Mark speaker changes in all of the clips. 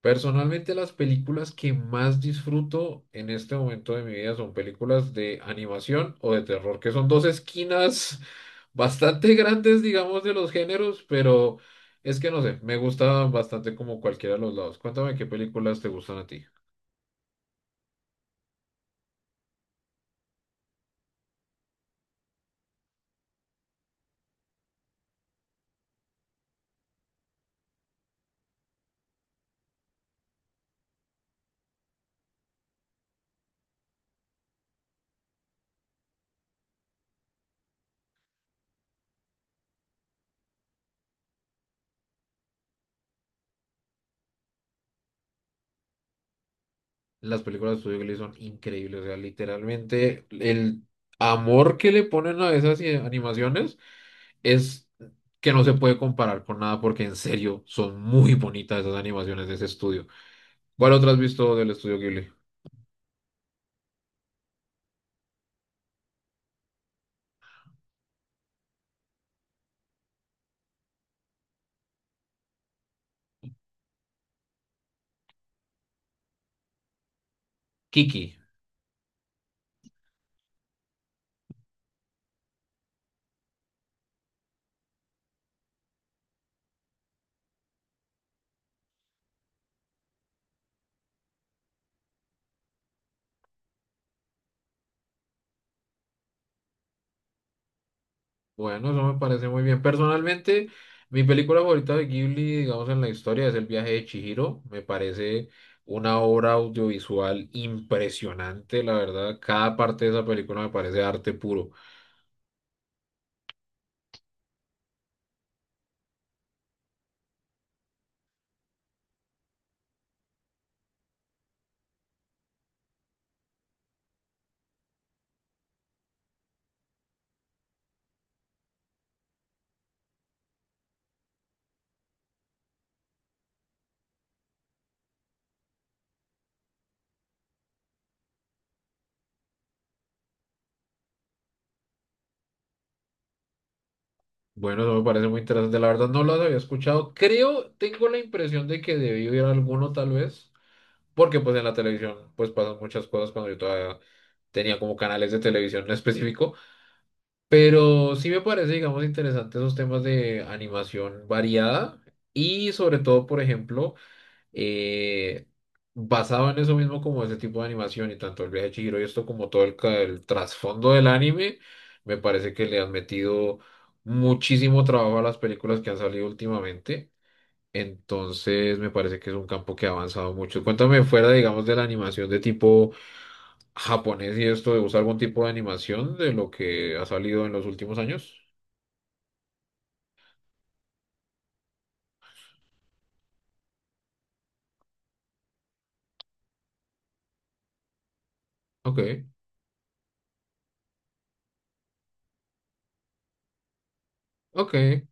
Speaker 1: Personalmente, las películas que más disfruto en este momento de mi vida son películas de animación o de terror, que son dos esquinas bastante grandes, digamos, de los géneros, pero es que no sé, me gusta bastante como cualquiera de los lados. Cuéntame qué películas te gustan a ti. Las películas de Studio Ghibli son increíbles, o sea, literalmente el amor que le ponen a esas animaciones es que no se puede comparar con nada, porque en serio son muy bonitas esas animaciones de ese estudio. ¿Cuál otra has visto del estudio Ghibli? Kiki. Bueno, eso me parece muy bien. Personalmente, mi película favorita de Ghibli, digamos en la historia, es El viaje de Chihiro. Me parece una obra audiovisual impresionante, la verdad. Cada parte de esa película me parece arte puro. Bueno, eso me parece muy interesante. La verdad, no las había escuchado. Creo, tengo la impresión de que debí ver alguno tal vez, porque pues en la televisión pues pasan muchas cosas cuando yo todavía tenía como canales de televisión en específico. Pero sí me parece, digamos, interesante esos temas de animación variada y sobre todo, por ejemplo, eh, basado en eso mismo como ese tipo de animación y tanto el viaje de Chihiro y esto como todo el trasfondo del anime, me parece que le han metido muchísimo trabajo a las películas que han salido últimamente. Entonces, me parece que es un campo que ha avanzado mucho. Cuéntame fuera, digamos, de la animación de tipo japonés y esto de usar algún tipo de animación de lo que ha salido en los últimos años. Ok, ok.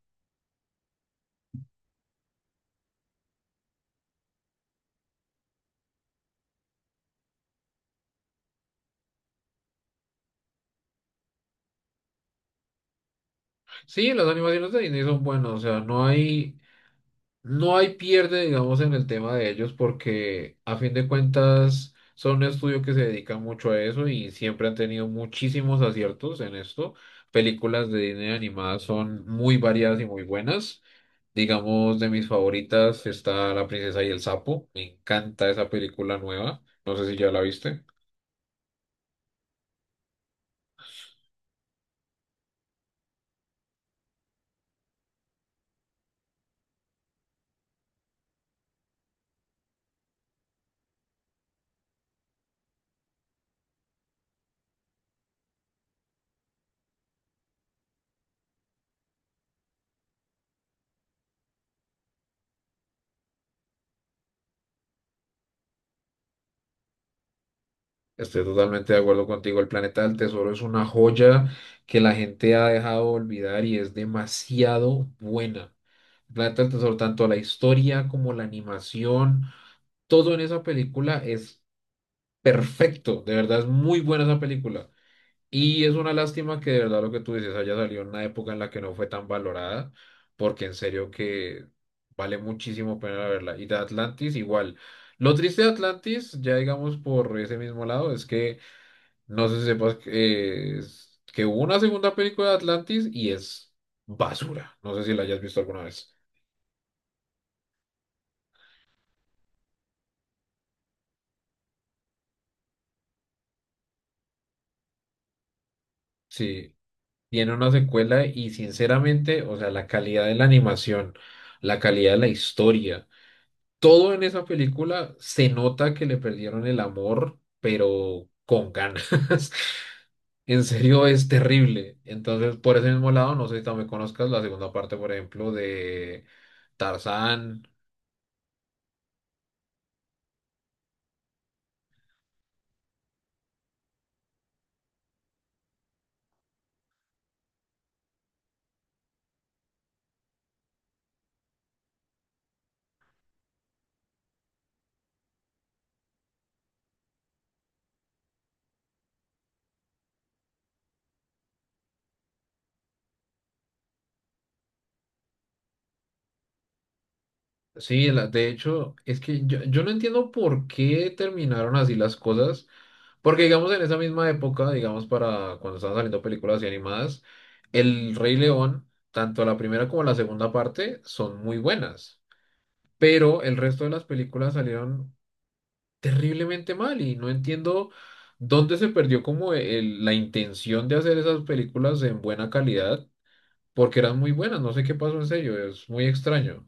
Speaker 1: Sí, las animaciones de Disney son buenas, o sea, no hay pierde, digamos, en el tema de ellos, porque a fin de cuentas son un estudio que se dedica mucho a eso y siempre han tenido muchísimos aciertos en esto. Películas de Disney animadas son muy variadas y muy buenas. Digamos, de mis favoritas está La Princesa y el Sapo. Me encanta esa película nueva. No sé si ya la viste. Estoy totalmente de acuerdo contigo. El planeta del tesoro es una joya que la gente ha dejado de olvidar y es demasiado buena. El planeta del tesoro, tanto la historia como la animación, todo en esa película es perfecto. De verdad es muy buena esa película. Y es una lástima que de verdad lo que tú dices haya salido en una época en la que no fue tan valorada, porque en serio que vale muchísimo pena verla. Y de Atlantis igual. Lo triste de Atlantis, ya digamos por ese mismo lado, es que no sé si sepas que, que hubo una segunda película de Atlantis y es basura. No sé si la hayas visto alguna vez. Sí, tiene una secuela y sinceramente, o sea, la calidad de la animación, la calidad de la historia, todo en esa película se nota que le perdieron el amor, pero con ganas. En serio, es terrible. Entonces, por ese mismo lado, no sé si también conozcas la segunda parte, por ejemplo, de Tarzán. Sí, la- de hecho, es que yo no entiendo por qué terminaron así las cosas, porque digamos en esa misma época, digamos para cuando estaban saliendo películas y animadas, El Rey León, tanto la primera como la segunda parte son muy buenas, pero el resto de las películas salieron terriblemente mal y no entiendo dónde se perdió como el- la intención de hacer esas películas en buena calidad, porque eran muy buenas, no sé qué pasó en serio, es muy extraño.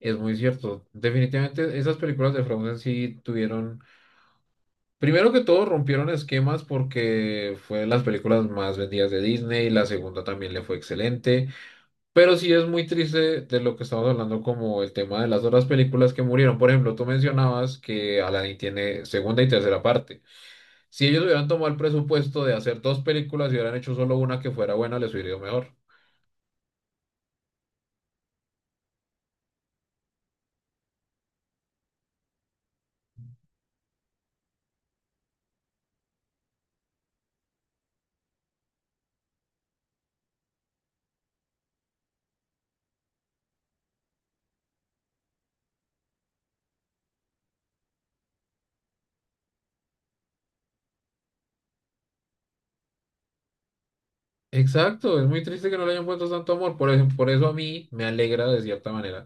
Speaker 1: Es muy cierto. Definitivamente esas películas de Frozen sí tuvieron, primero que todo, rompieron esquemas porque fue de las películas más vendidas de Disney, la segunda también le fue excelente, pero sí es muy triste de lo que estamos hablando como el tema de las otras películas que murieron. Por ejemplo, tú mencionabas que Aladdin tiene segunda y tercera parte. Si ellos hubieran tomado el presupuesto de hacer dos películas y hubieran hecho solo una que fuera buena, les hubiera ido mejor. Exacto, es muy triste que no le hayan puesto tanto amor. Por eso a mí me alegra de cierta manera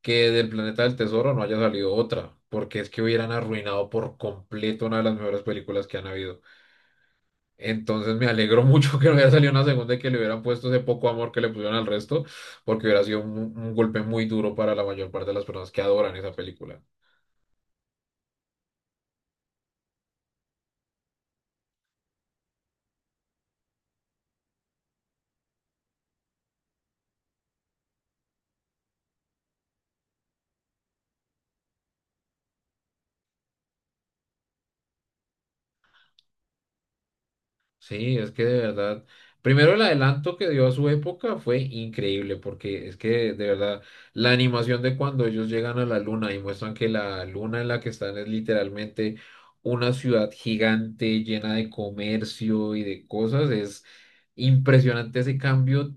Speaker 1: que del Planeta del Tesoro no haya salido otra, porque es que hubieran arruinado por completo una de las mejores películas que han habido. Entonces me alegro mucho que no haya salido una segunda y que le hubieran puesto ese poco amor que le pusieron al resto, porque hubiera sido un, golpe muy duro para la mayor parte de las personas que adoran esa película. Sí, es que de verdad, primero el adelanto que dio a su época fue increíble, porque es que de verdad la animación de cuando ellos llegan a la luna y muestran que la luna en la que están es literalmente una ciudad gigante llena de comercio y de cosas, es impresionante ese cambio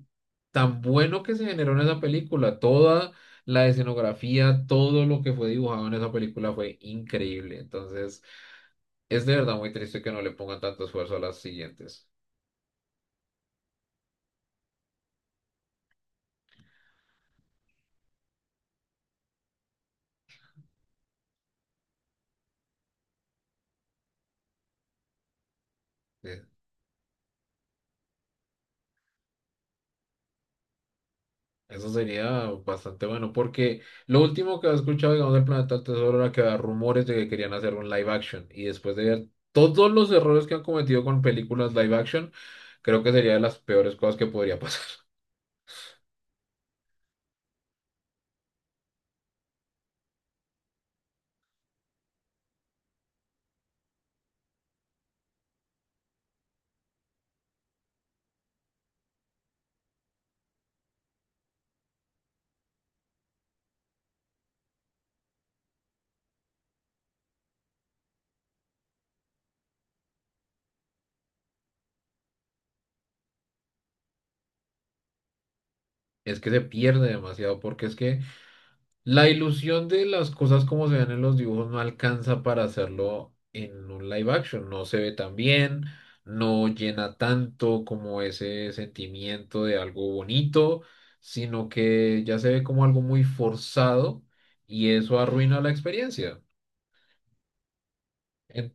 Speaker 1: tan bueno que se generó en esa película. Toda la escenografía, todo lo que fue dibujado en esa película fue increíble. Entonces, es de verdad muy triste que no le pongan tanto esfuerzo a las siguientes. Eh, Eso sería bastante bueno, porque lo último que he escuchado, digamos, del Planeta del Tesoro era que había rumores de que querían hacer un live action. Y después de ver todos los errores que han cometido con películas live action, creo que sería de las peores cosas que podría pasar. Es que se pierde demasiado, porque es que la ilusión de las cosas como se ven en los dibujos no alcanza para hacerlo en un live action. No se ve tan bien, no llena tanto como ese sentimiento de algo bonito, sino que ya se ve como algo muy forzado y eso arruina la experiencia. En-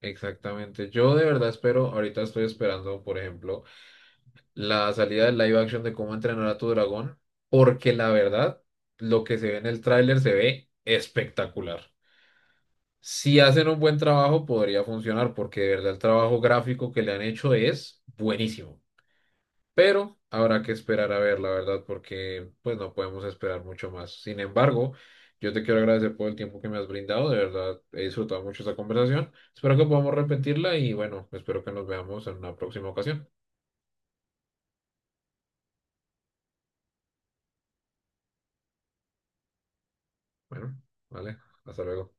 Speaker 1: Exactamente. Yo de verdad espero, ahorita estoy esperando, por ejemplo, la salida del live action de cómo entrenar a tu dragón, porque la verdad, lo que se ve en el tráiler se ve espectacular. Si hacen un buen trabajo, podría funcionar, porque de verdad el trabajo gráfico que le han hecho es buenísimo. Pero habrá que esperar a ver, la verdad, porque pues no podemos esperar mucho más. Sin embargo, yo te quiero agradecer por el tiempo que me has brindado. De verdad, he disfrutado mucho esta conversación. Espero que podamos repetirla y bueno, espero que nos veamos en una próxima ocasión. Bueno, vale, hasta luego.